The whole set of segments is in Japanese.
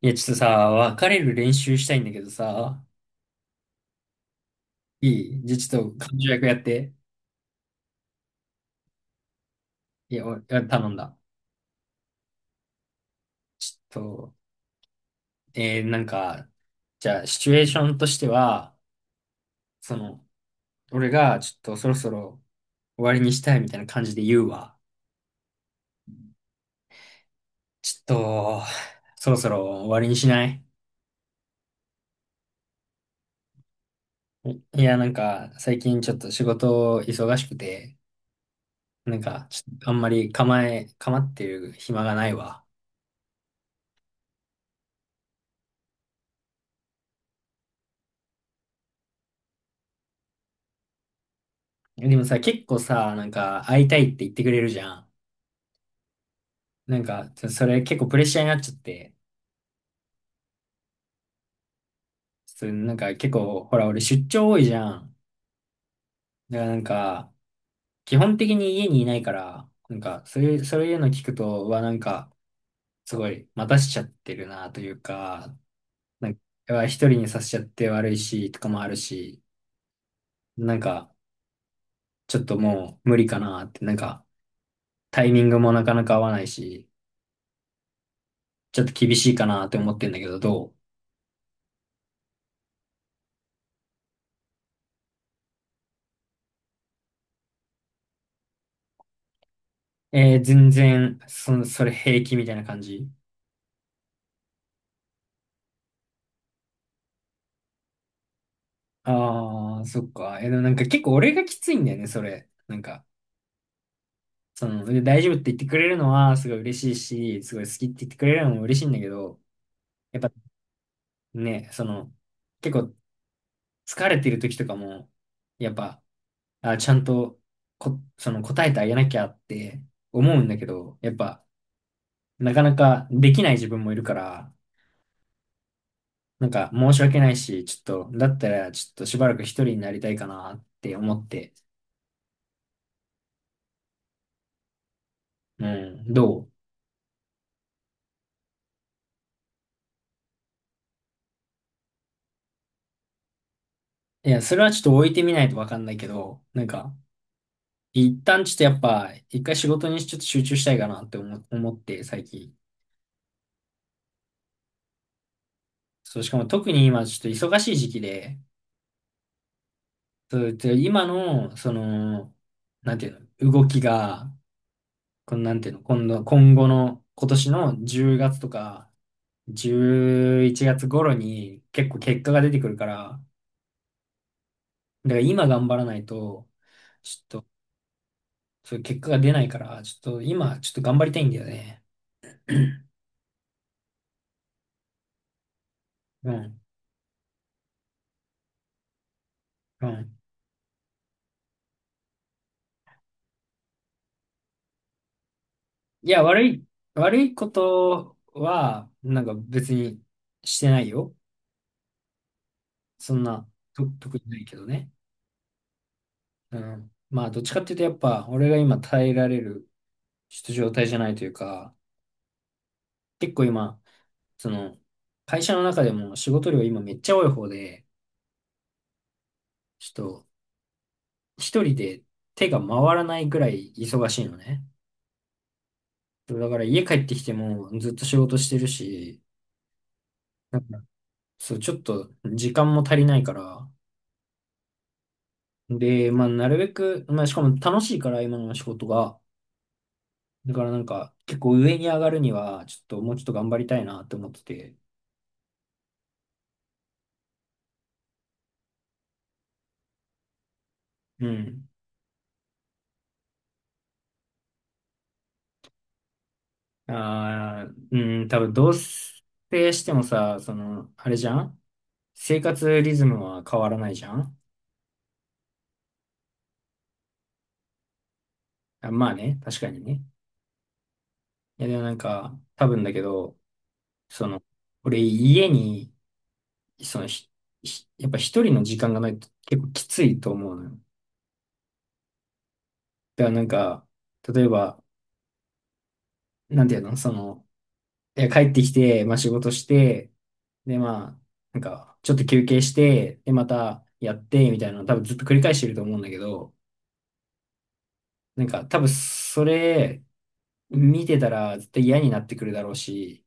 いや、ちょっとさ、別れる練習したいんだけどさ、いじゃあちょっと、彼女役やって。いや、お頼んだ。ちょっと、えー、なんか、じゃあ、シチュエーションとしては、その、俺が、ちょっと、そろそろ終わりにしたいみたいな感じで言うわ。ちょっと、そろそろ終わりにしない？いや、なんか、最近ちょっと仕事忙しくて、なんか、ちょっとあんまり構ってる暇がないわ。でもさ、結構さ、なんか、会いたいって言ってくれるじゃん。なんか、ちょそれ結構プレッシャーになっちゃって、ちょっとなんか結構、ほら、俺出張多いじゃん。だからなんか、基本的に家にいないから、なんか、そういうの聞くと、はなんか、すごい、待たしちゃってるなというか、なんか、うわ一人にさせちゃって悪いし、とかもあるし、なんか、ちょっともう無理かなって、なんか、タイミングもなかなか合わないし、ちょっと厳しいかなって思ってんだけど、どうえー、全然、それ平気みたいな感じ？ああ、そっか。え、でもなんか結構俺がきついんだよね、それ。なんか、その、で大丈夫って言ってくれるのはすごい嬉しいし、すごい好きって言ってくれるのも嬉しいんだけど、やっぱね、その、結構疲れてる時とかも、やっぱ、あ、ちゃんとその答えてあげなきゃって思うんだけど、やっぱ、なかなかできない自分もいるから、なんか申し訳ないし、ちょっと、だったらちょっとしばらく一人になりたいかなって思って、うん、どう？いや、それはちょっと置いてみないとわかんないけど、なんか、一旦ちょっとやっぱ、一回仕事にちょっと集中したいかなって思って、最近。そう、しかも特に今ちょっと忙しい時期で、そう、で今の、その、なんていうの、動きが、このなんていうの、今度、今後の、今年の10月とか、11月頃に結構結果が出てくるから、だから今頑張らないと、そういう結果が出ないから、ちょっと今、ちょっと頑張りたいんだよね。うん。うん。いや、悪い、悪いことは、なんか別にしてないよ。そんな、と、特にないけどね。うん。まあ、どっちかっていうと、やっぱ、俺が今耐えられる、ちょっと状態じゃないというか、結構今、その、会社の中でも仕事量今めっちゃ多い方で、ちょっと、一人で手が回らないぐらい忙しいのね。そうだから家帰ってきてもずっと仕事してるし、なんか、そう、ちょっと時間も足りないから、で、まあ、なるべく、まあ、しかも楽しいから、今の仕事が。だからなんか、結構上に上がるには、ちょっともうちょっと頑張りたいなって思ってて。うん。ああ、うん、多分同棲してもさ、その、あれじゃん、生活リズムは変わらないじゃん。あ、まあね、確かにね。いや、でもなんか、多分だけど、その、俺家に、その、ひ、ひやっぱ一人の時間がないと結構きついと思うのよ。だからなんか、例えば、なんていうのその、え帰ってきて、まあ仕事して、で、まあ、なんか、ちょっと休憩して、で、またやって、みたいなの多分ずっと繰り返してると思うんだけど、なんか多分それ見てたら絶対嫌になってくるだろうし、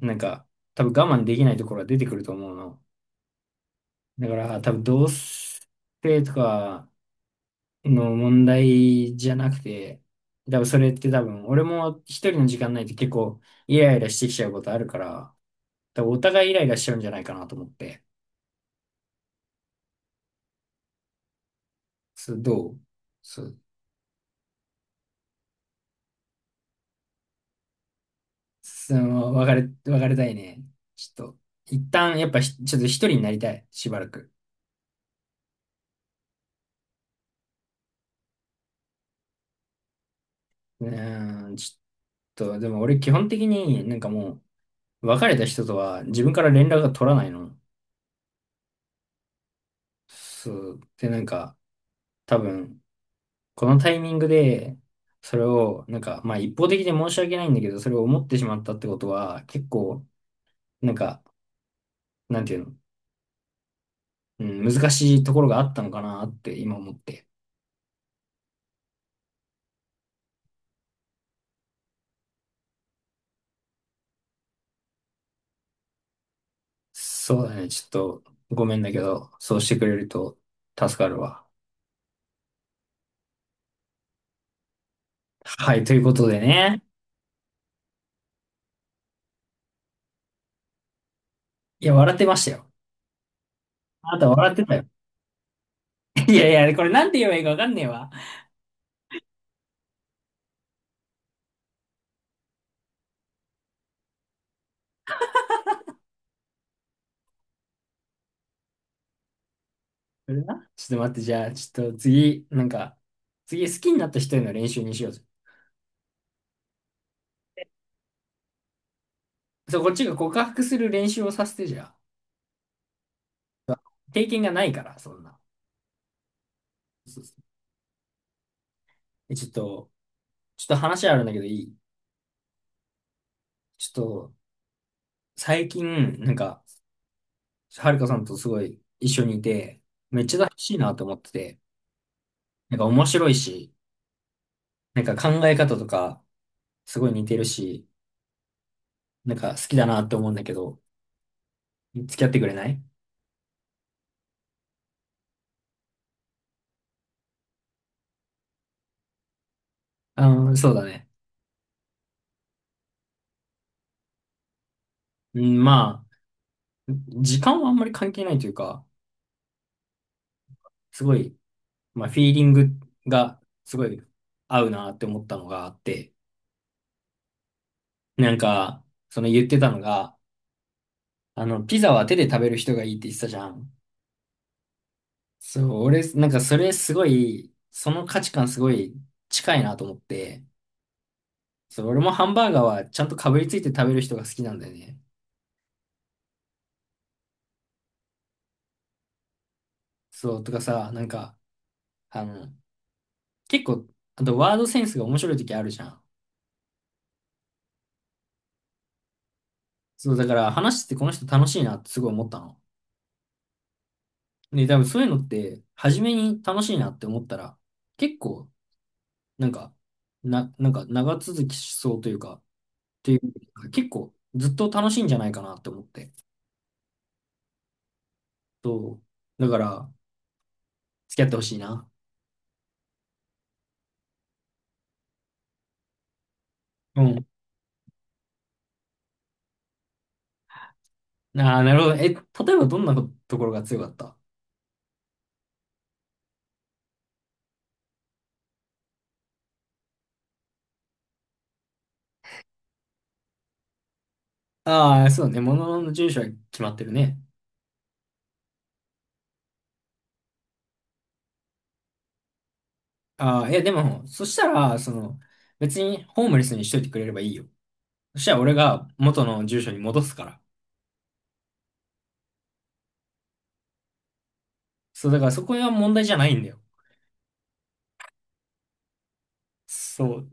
なんか多分我慢できないところが出てくると思うの。だから多分同性とかの問題じゃなくて、多分それって多分俺も一人の時間ないと結構イライラしてきちゃうことあるから、多分お互いイライラしちゃうんじゃないかなと思って。そう、どう？そう、その、別れたいね。ちょっと、一旦、やっぱひ、ちょっと一人になりたい、しばらく。うーん、ちょっと、でも俺基本的になんかもう、別れた人とは自分から連絡が取らないの。そう、で、なんか、多分、このタイミングで、それを、なんか、まあ一方的で申し訳ないんだけど、それを思ってしまったってことは、結構、なんか、なんていうの、うん、難しいところがあったのかなって今思って。そうだね。ちょっと、ごめんだけど、そうしてくれると助かるわ。はい、ということでね。いや、笑ってましたよ。あなた笑ってたよ。いやいや、これなんて言えばいいかわかんねえわ。これな。ちょっと待って、じゃあ、ちょっと次、なんか、次好きになった人への練習にしようぜ。そう、こっちが告白する練習をさせてじゃあ。経験がないから、そんな。そうそう。え、ちょっと、ちょっと話あるんだけどいい？ちょっと、最近、なんか、はるかさんとすごい一緒にいて、嬉しいなと思ってて、なんか面白いし、なんか考え方とかすごい似てるし、なんか好きだなって思うんだけど、付き合ってくれない？あー、そうだね。うん、まあ、時間はあんまり関係ないというか、すごい、まあ、フィーリングがすごい合うなって思ったのがあって、なんか、その言ってたのが、あの、ピザは手で食べる人がいいって言ってたじゃん。そう、俺、なんかそれすごい、その価値観すごい近いなと思って、そう、俺もハンバーガーはちゃんとかぶりついて食べる人が好きなんだよね。そう、とかさ、なんか、あの、結構、あとワードセンスが面白い時あるじゃん。そう、だから話しててこの人楽しいなってすごい思ったの。で、多分そういうのって、初めに楽しいなって思ったら、結構、なんか、なんか長続きしそうというか、っていうか、結構ずっと楽しいんじゃないかなって思って。そう。だから、付き合ってほしいな。うん。ああ、なるほど。え、例えばどんなところが強かった？ああー、そうね。ものの住所は決まってるね。ああ、いやでも、そしたら、その、別にホームレスにしといてくれればいいよ。そしたら俺が元の住所に戻すから。そう、だからそこは問題じゃないんだよ。そう。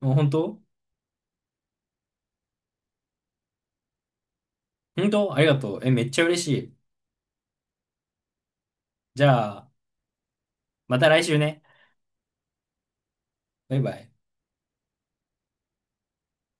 もう本当、本当ありがとう。え、めっちゃ嬉しい。じゃあ、また来週ね。バイバイ。